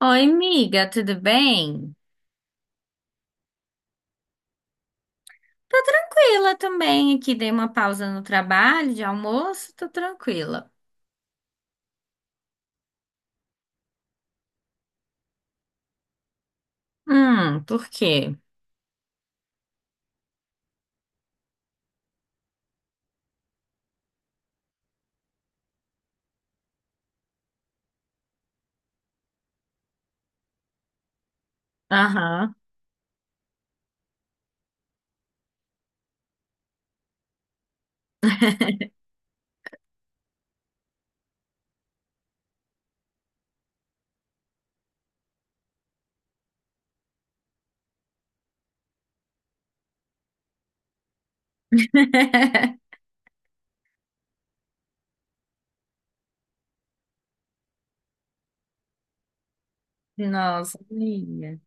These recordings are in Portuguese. Oi, amiga, tudo bem? Tô tranquila também aqui, dei uma pausa no trabalho de almoço, tô tranquila. Por quê? Aham. Nossa, amiga.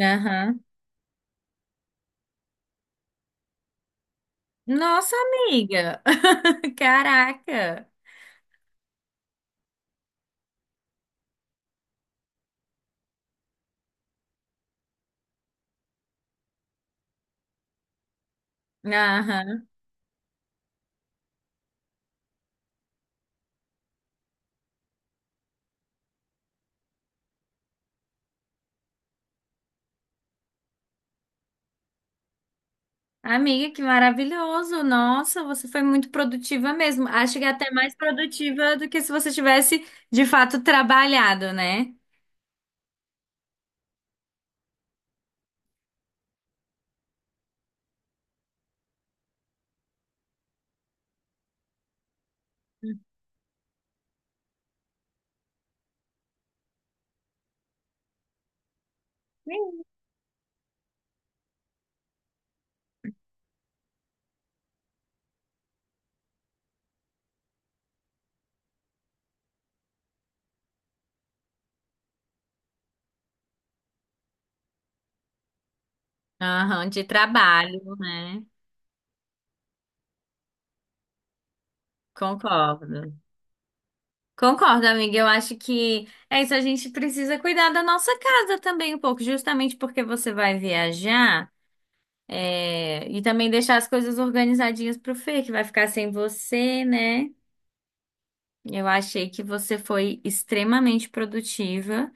Aham. Nossa, amiga. Caraca. Aham. Amiga, que maravilhoso. Nossa, você foi muito produtiva mesmo. Acho que é até mais produtiva do que se você tivesse de fato trabalhado, né? Aham, de trabalho, né? Concordo. Concordo, amiga. Eu acho que é isso. A gente precisa cuidar da nossa casa também um pouco, justamente porque você vai viajar, é, e também deixar as coisas organizadinhas pro Fê, que vai ficar sem você, né? Eu achei que você foi extremamente produtiva.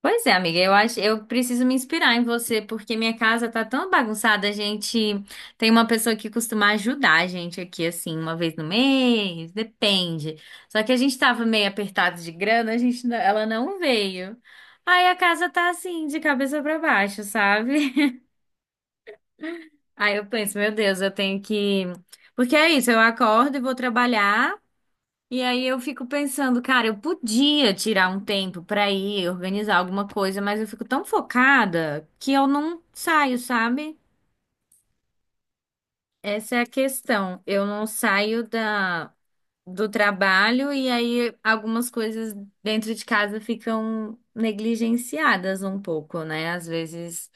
Pois é, amiga, eu acho, eu preciso me inspirar em você, porque minha casa tá tão bagunçada, a gente tem uma pessoa que costuma ajudar a gente aqui, assim, uma vez no mês, depende. Só que a gente tava meio apertado de grana, a gente, ela não veio. Aí a casa tá assim, de cabeça pra baixo, sabe? Aí eu penso, meu Deus, eu tenho que. Porque é isso, eu acordo e vou trabalhar. E aí eu fico pensando, cara, eu podia tirar um tempo pra ir organizar alguma coisa, mas eu fico tão focada que eu não saio, sabe? Essa é a questão. Eu não saio da do trabalho e aí algumas coisas dentro de casa ficam negligenciadas um pouco, né? Às vezes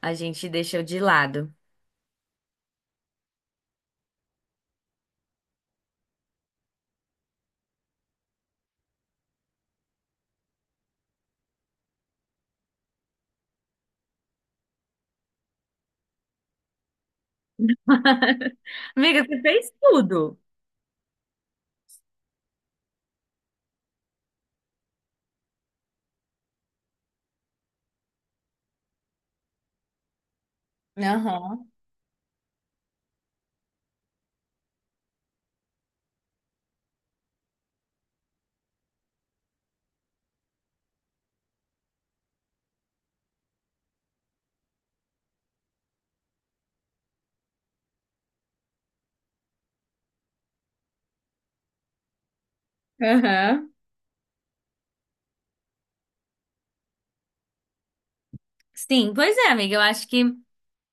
a gente deixa de lado. Amiga, você fez tudo. Aham. Aham. Sim, pois é, amiga. Eu acho que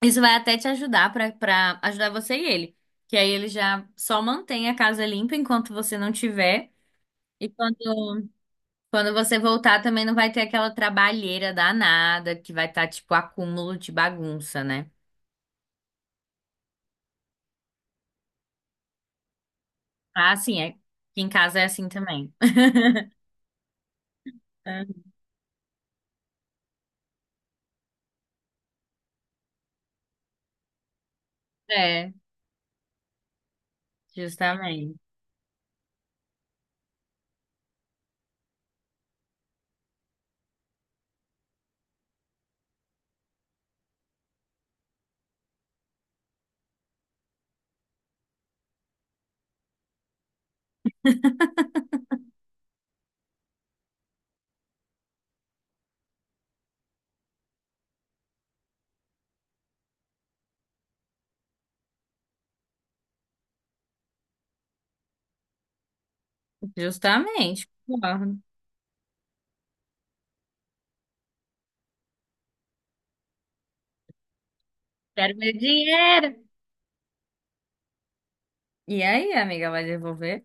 isso vai até te ajudar pra para ajudar você e ele. Que aí ele já só mantém a casa limpa enquanto você não tiver. E quando você voltar também não vai ter aquela trabalheira danada que vai estar tipo acúmulo de bagunça, né? Ah, sim, é. Aqui em casa é assim também. É, justamente. Justamente. Concordo. Quero meu dinheiro. E aí, amiga, vai devolver?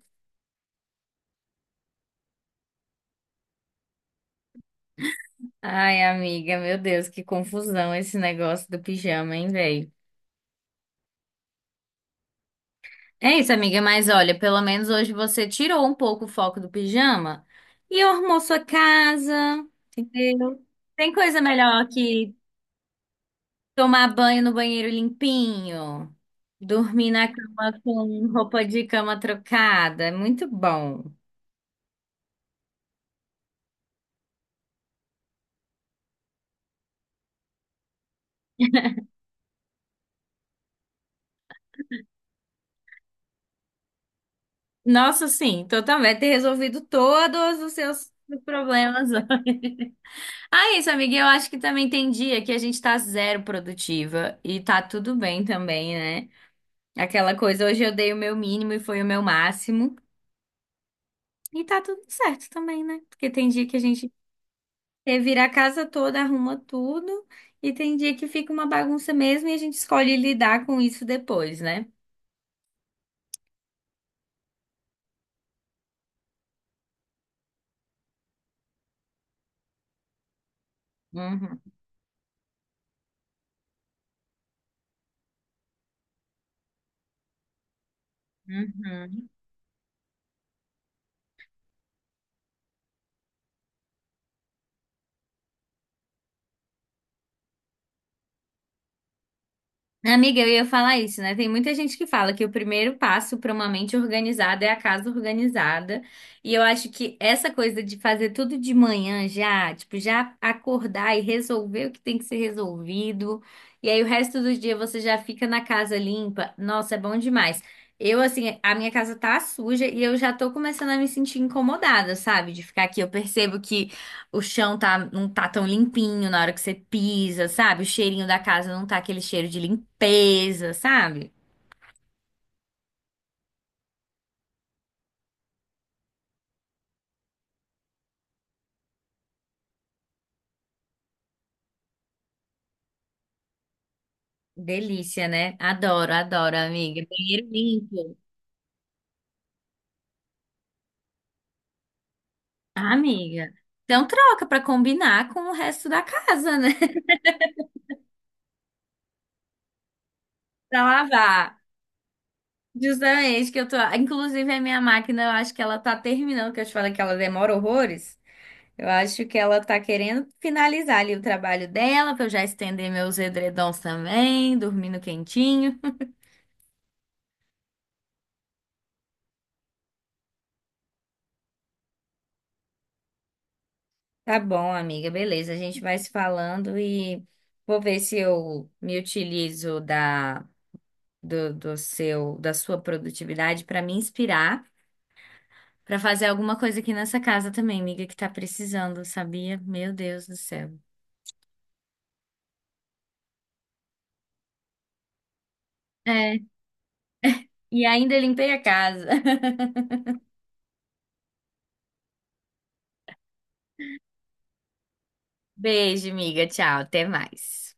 Ai, amiga, meu Deus, que confusão esse negócio do pijama, hein, velho? É isso, amiga, mas olha, pelo menos hoje você tirou um pouco o foco do pijama e arrumou sua casa, entendeu? Tem coisa melhor que tomar banho no banheiro limpinho, dormir na cama com roupa de cama trocada, é muito bom. Nossa, sim, então também ter resolvido todos os seus problemas. Ah, isso, amiga, eu acho que também tem dia que a gente tá zero produtiva e tá tudo bem também, né? Aquela coisa, hoje eu dei o meu mínimo e foi o meu máximo. E tá tudo certo também, né? Porque tem dia que a gente revira a casa toda, arruma tudo, e tem dia que fica uma bagunça mesmo e a gente escolhe lidar com isso depois, né? Uhum, uhum. Amiga, eu ia falar isso, né? Tem muita gente que fala que o primeiro passo para uma mente organizada é a casa organizada. E eu acho que essa coisa de fazer tudo de manhã já, tipo, já acordar e resolver o que tem que ser resolvido. E aí o resto do dia você já fica na casa limpa. Nossa, é bom demais. Eu, assim, a minha casa tá suja e eu já tô começando a me sentir incomodada, sabe? De ficar aqui. Eu percebo que. O chão tá, não tá tão limpinho na hora que você pisa, sabe? O cheirinho da casa não tá aquele cheiro de limpeza, sabe? Delícia, né? Adoro, adoro, amiga. Banheiro limpo. Ah, amiga. Então troca pra combinar com o resto da casa, né? Pra lavar. Justamente que eu tô. Inclusive, a minha máquina, eu acho que ela tá terminando, que eu te falei que ela demora horrores. Eu acho que ela tá querendo finalizar ali o trabalho dela, pra eu já estender meus edredons também, dormindo quentinho. Tá bom, amiga, beleza. A gente vai se falando e vou ver se eu me utilizo da do, do seu da sua produtividade para me inspirar para fazer alguma coisa aqui nessa casa também, amiga, que tá precisando, sabia? Meu Deus do céu. É, e ainda limpei a casa. Beijo, amiga. Tchau, até mais.